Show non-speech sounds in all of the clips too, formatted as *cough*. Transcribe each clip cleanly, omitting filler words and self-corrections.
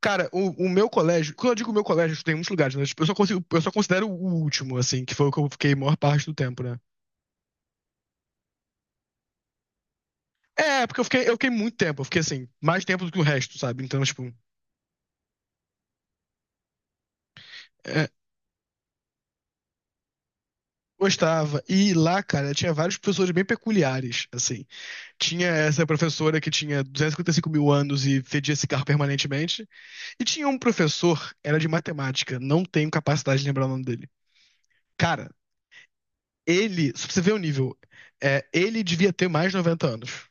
Cara, o meu colégio, quando eu digo meu colégio, eu estudei em muitos lugares, né? Tipo, eu só consigo, eu só considero o último, assim, que foi o que eu fiquei a maior parte do tempo, né? É, porque eu fiquei muito tempo, eu fiquei assim, mais tempo do que o resto, sabe? Então, tipo, é, gostava. E lá, cara, tinha vários professores bem peculiares, assim. Tinha essa professora que tinha 255.000 anos e fedia cigarro permanentemente. E tinha um professor, era de matemática, não tenho capacidade de lembrar o nome dele. Cara, ele, se você ver o nível, é, ele devia ter mais de 90 anos.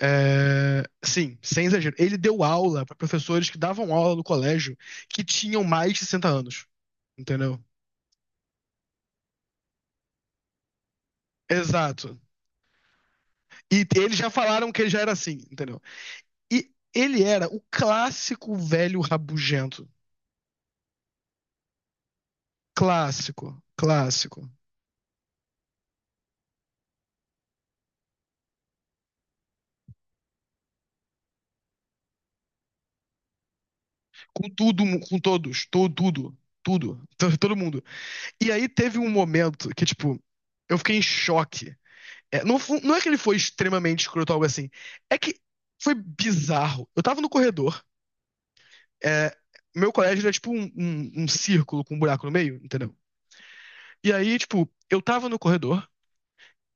É, sim, sem exagero. Ele deu aula pra professores que davam aula no colégio que tinham mais de 60 anos, entendeu? Exato. E eles já falaram que ele já era assim, entendeu? E ele era o clássico velho rabugento. Clássico, clássico. Com tudo, com todos, tudo, todo mundo. E aí teve um momento que, tipo, eu fiquei em choque. É, não, não é que ele foi extremamente escroto ou algo assim. É que foi bizarro. Eu tava no corredor. É, meu colégio era tipo um círculo com um buraco no meio, entendeu? E aí, tipo, eu tava no corredor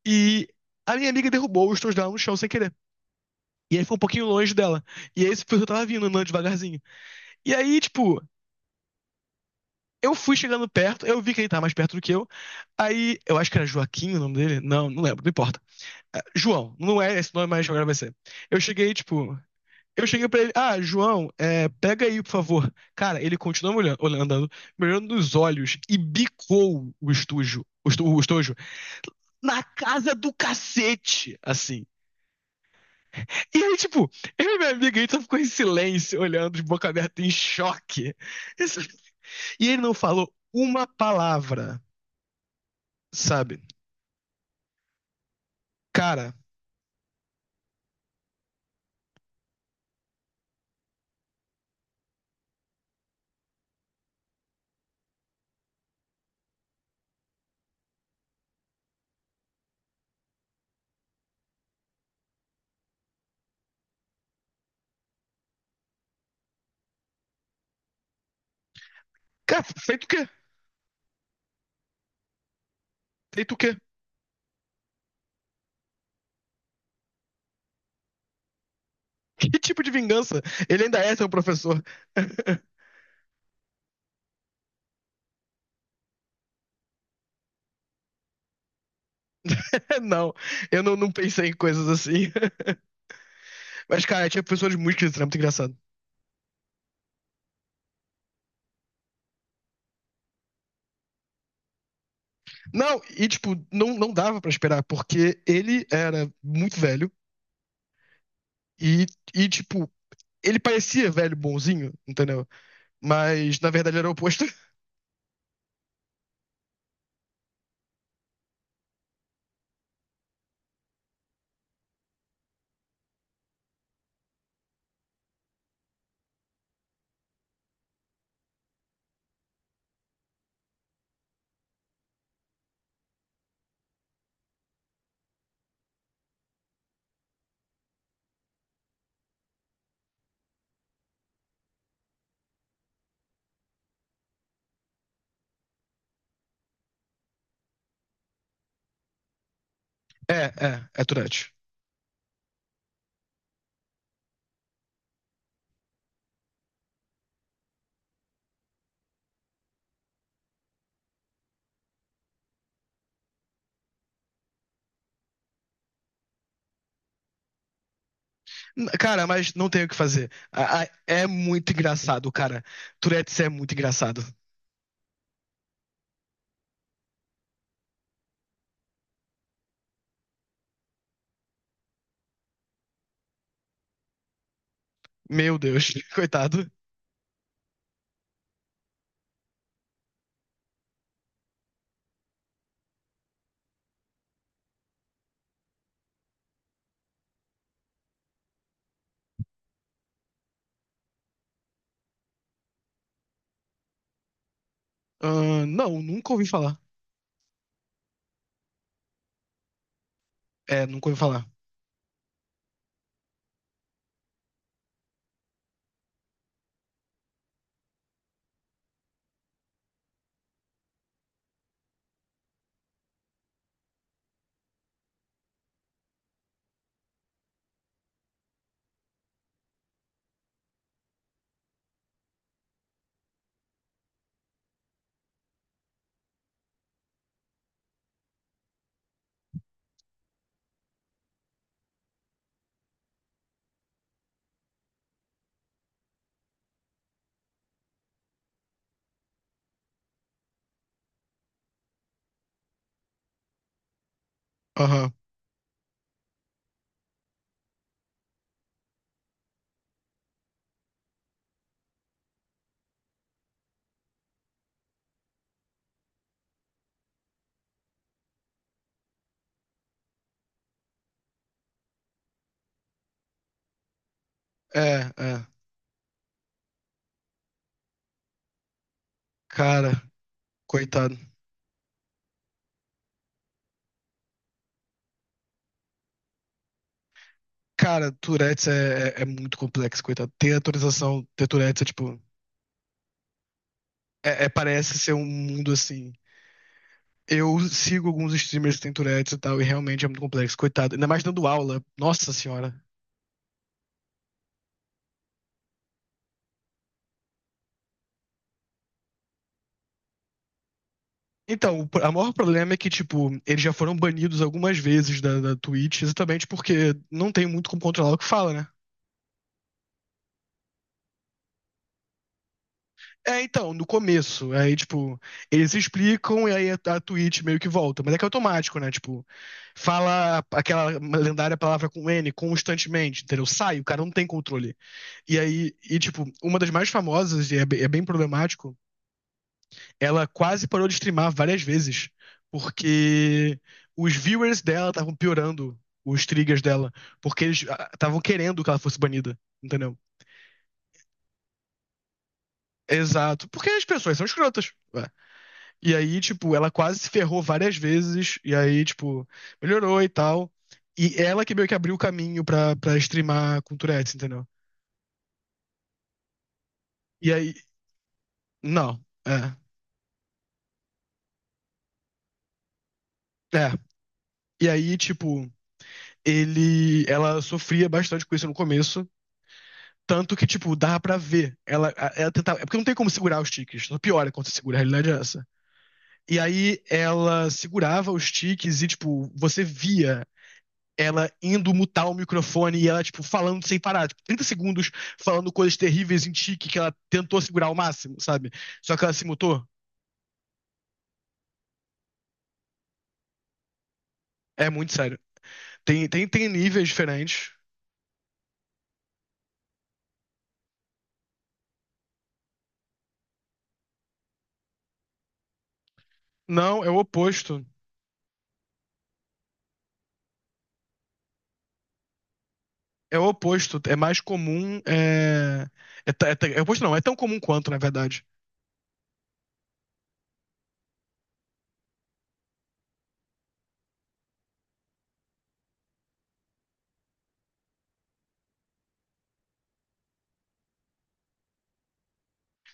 e a minha amiga derrubou os tons dela no chão sem querer. E aí foi um pouquinho longe dela. E aí esse professor tava vindo, andando devagarzinho. E aí, tipo, eu fui chegando perto, eu vi que ele tava mais perto do que eu. Aí, eu acho que era Joaquim o nome dele. Não, não lembro, não importa. É, João, não é esse nome, mas agora vai ser. Eu cheguei, tipo, eu cheguei pra ele, ah, João, é, pega aí, por favor. Cara, ele continuou olhando, me olhando nos olhos e bicou o estojo, o estojo, na casa do cacete, assim. E aí, tipo, eu e minha amiga, a gente só ficou em silêncio, olhando de boca aberta, em choque. Isso- E ele não falou uma palavra, sabe? Cara, cara, feito o quê? Feito o quê? Que tipo de vingança? Ele ainda é seu professor. *laughs* Não, eu não, não pensei em coisas assim. Mas, cara, tinha professores muito esquisitos, era muito engraçado. Não, e, tipo, não, não dava pra esperar, porque ele era muito velho e, e, tipo, ele parecia velho bonzinho, entendeu? Mas, na verdade, ele era o oposto. *laughs* É, é, é Tourette. Cara, mas não tem o que fazer. É muito engraçado, cara. Tourette é muito engraçado. Meu Deus, *laughs* coitado. Não, nunca ouvi falar. É, nunca ouvi falar. Aham. É, é. Cara, coitado. Cara, Tourette's é, é muito complexo, coitado. Ter atualização, ter Tourette's é tipo. É, parece ser um mundo assim. Eu sigo alguns streamers que têm Tourette's e tal, e realmente é muito complexo, coitado. Ainda mais dando aula. Nossa senhora. Então, a maior problema é que, tipo, eles já foram banidos algumas vezes da Twitch, exatamente porque não tem muito como controlar o que fala, né? É, então, no começo. Aí, tipo, eles explicam e aí a Twitch meio que volta. Mas é que é automático, né? Tipo, fala aquela lendária palavra com N constantemente, entendeu? Sai, o cara não tem controle. E aí, e tipo, uma das mais famosas, e é, é bem problemático, ela quase parou de streamar várias vezes, porque os viewers dela estavam piorando os triggers dela, porque eles estavam querendo que ela fosse banida, entendeu? Exato, porque as pessoas são escrotas. Ué. E aí, tipo, ela quase se ferrou várias vezes. E aí, tipo, melhorou e tal. E ela que meio que abriu o caminho pra, pra streamar com Tourette's, entendeu? E aí. Não. É. É. E aí, tipo, ele. Ela sofria bastante com isso no começo. Tanto que, tipo, dava pra ver. Ela, ela tentava. É porque não tem como segurar os tiques. Só piora quando você segura, a realidade é essa. E aí ela segurava os tiques e, tipo, você via ela indo mutar o microfone e ela, tipo, falando sem parar, tipo, 30 segundos falando coisas terríveis em tique que ela tentou segurar ao máximo, sabe? Só que ela se mutou. É muito sério. Tem níveis diferentes. Não, é o oposto. É o oposto. É mais comum. É, é o oposto, não. É tão comum quanto, na verdade.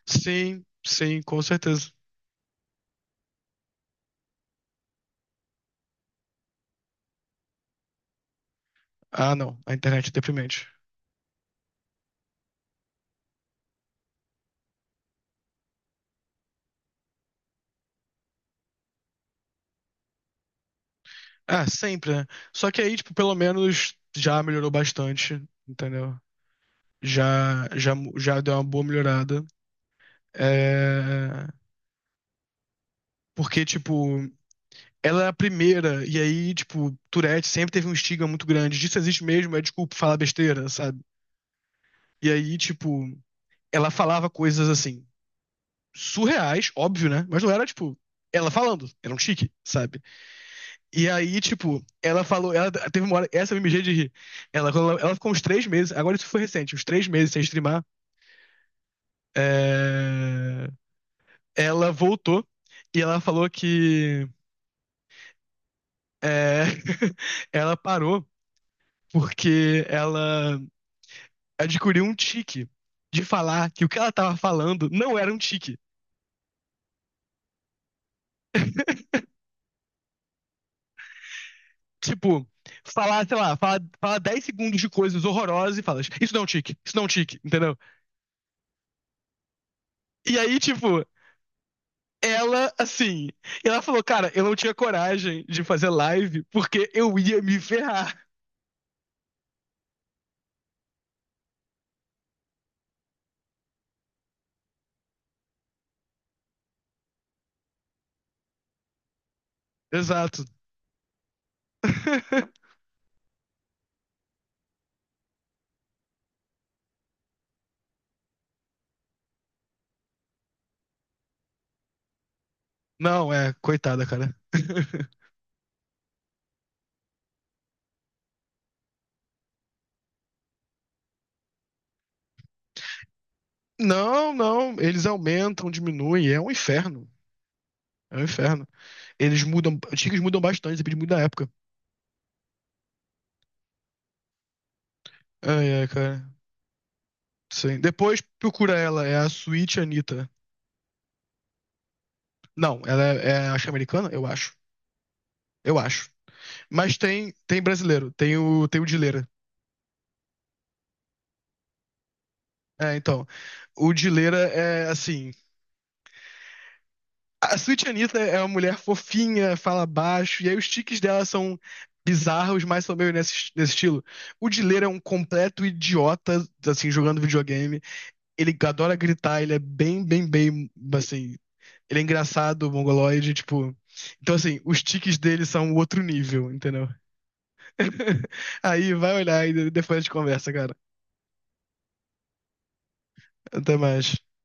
Sim, sim, com certeza. Ah, não. A internet é deprimente. Ah, sempre, né? Só que aí, tipo, pelo menos já melhorou bastante, entendeu? Já deu uma boa melhorada. É, porque, tipo, ela é a primeira, e aí, tipo, Tourette sempre teve um estigma muito grande. Disso existe mesmo, é desculpa falar besteira, sabe? E aí, tipo, ela falava coisas assim, surreais, óbvio, né? Mas não era, tipo, ela falando, era um chique, sabe? E aí, tipo, ela falou, ela teve uma hora, essa eu me mijei de rir. Ela, quando ela ficou uns três meses, agora isso foi recente, uns três meses sem streamar. É, ela voltou e ela falou que é, *laughs* ela parou porque ela adquiriu um tique de falar que o que ela tava falando não era um tique. Tipo, falar, sei lá, falar fala 10 segundos de coisas horrorosas e fala, isso não é um tique, isso não é um tique, entendeu? E aí, tipo, ela, assim, ela falou, cara, eu não tinha coragem de fazer live porque eu ia me ferrar. Exato. *laughs* Não, é, coitada, cara. *laughs* Não, não. Eles aumentam, diminuem. É um inferno. É um inferno. Eles mudam. Os tickets mudam bastante, depende muito da época. Ai, ai, cara. Sim. Depois procura ela. É a Sweet Anitta. Não, ela é, é acho que é americana? Eu acho. Eu acho. Mas tem, tem brasileiro. Tem o, tem o Dileira. É, então. O Dileira é assim. A Sweet Anita é uma mulher fofinha, fala baixo, e aí os tiques dela são bizarros, mas são meio nesse, nesse estilo. O Dileira é um completo idiota, assim, jogando videogame. Ele adora gritar, ele é bem, bem, bem, assim, ele é engraçado, mongoloide, tipo. Então, assim, os tiques dele são outro nível, entendeu? *laughs* Aí vai olhar e depois a gente conversa, cara. Até mais.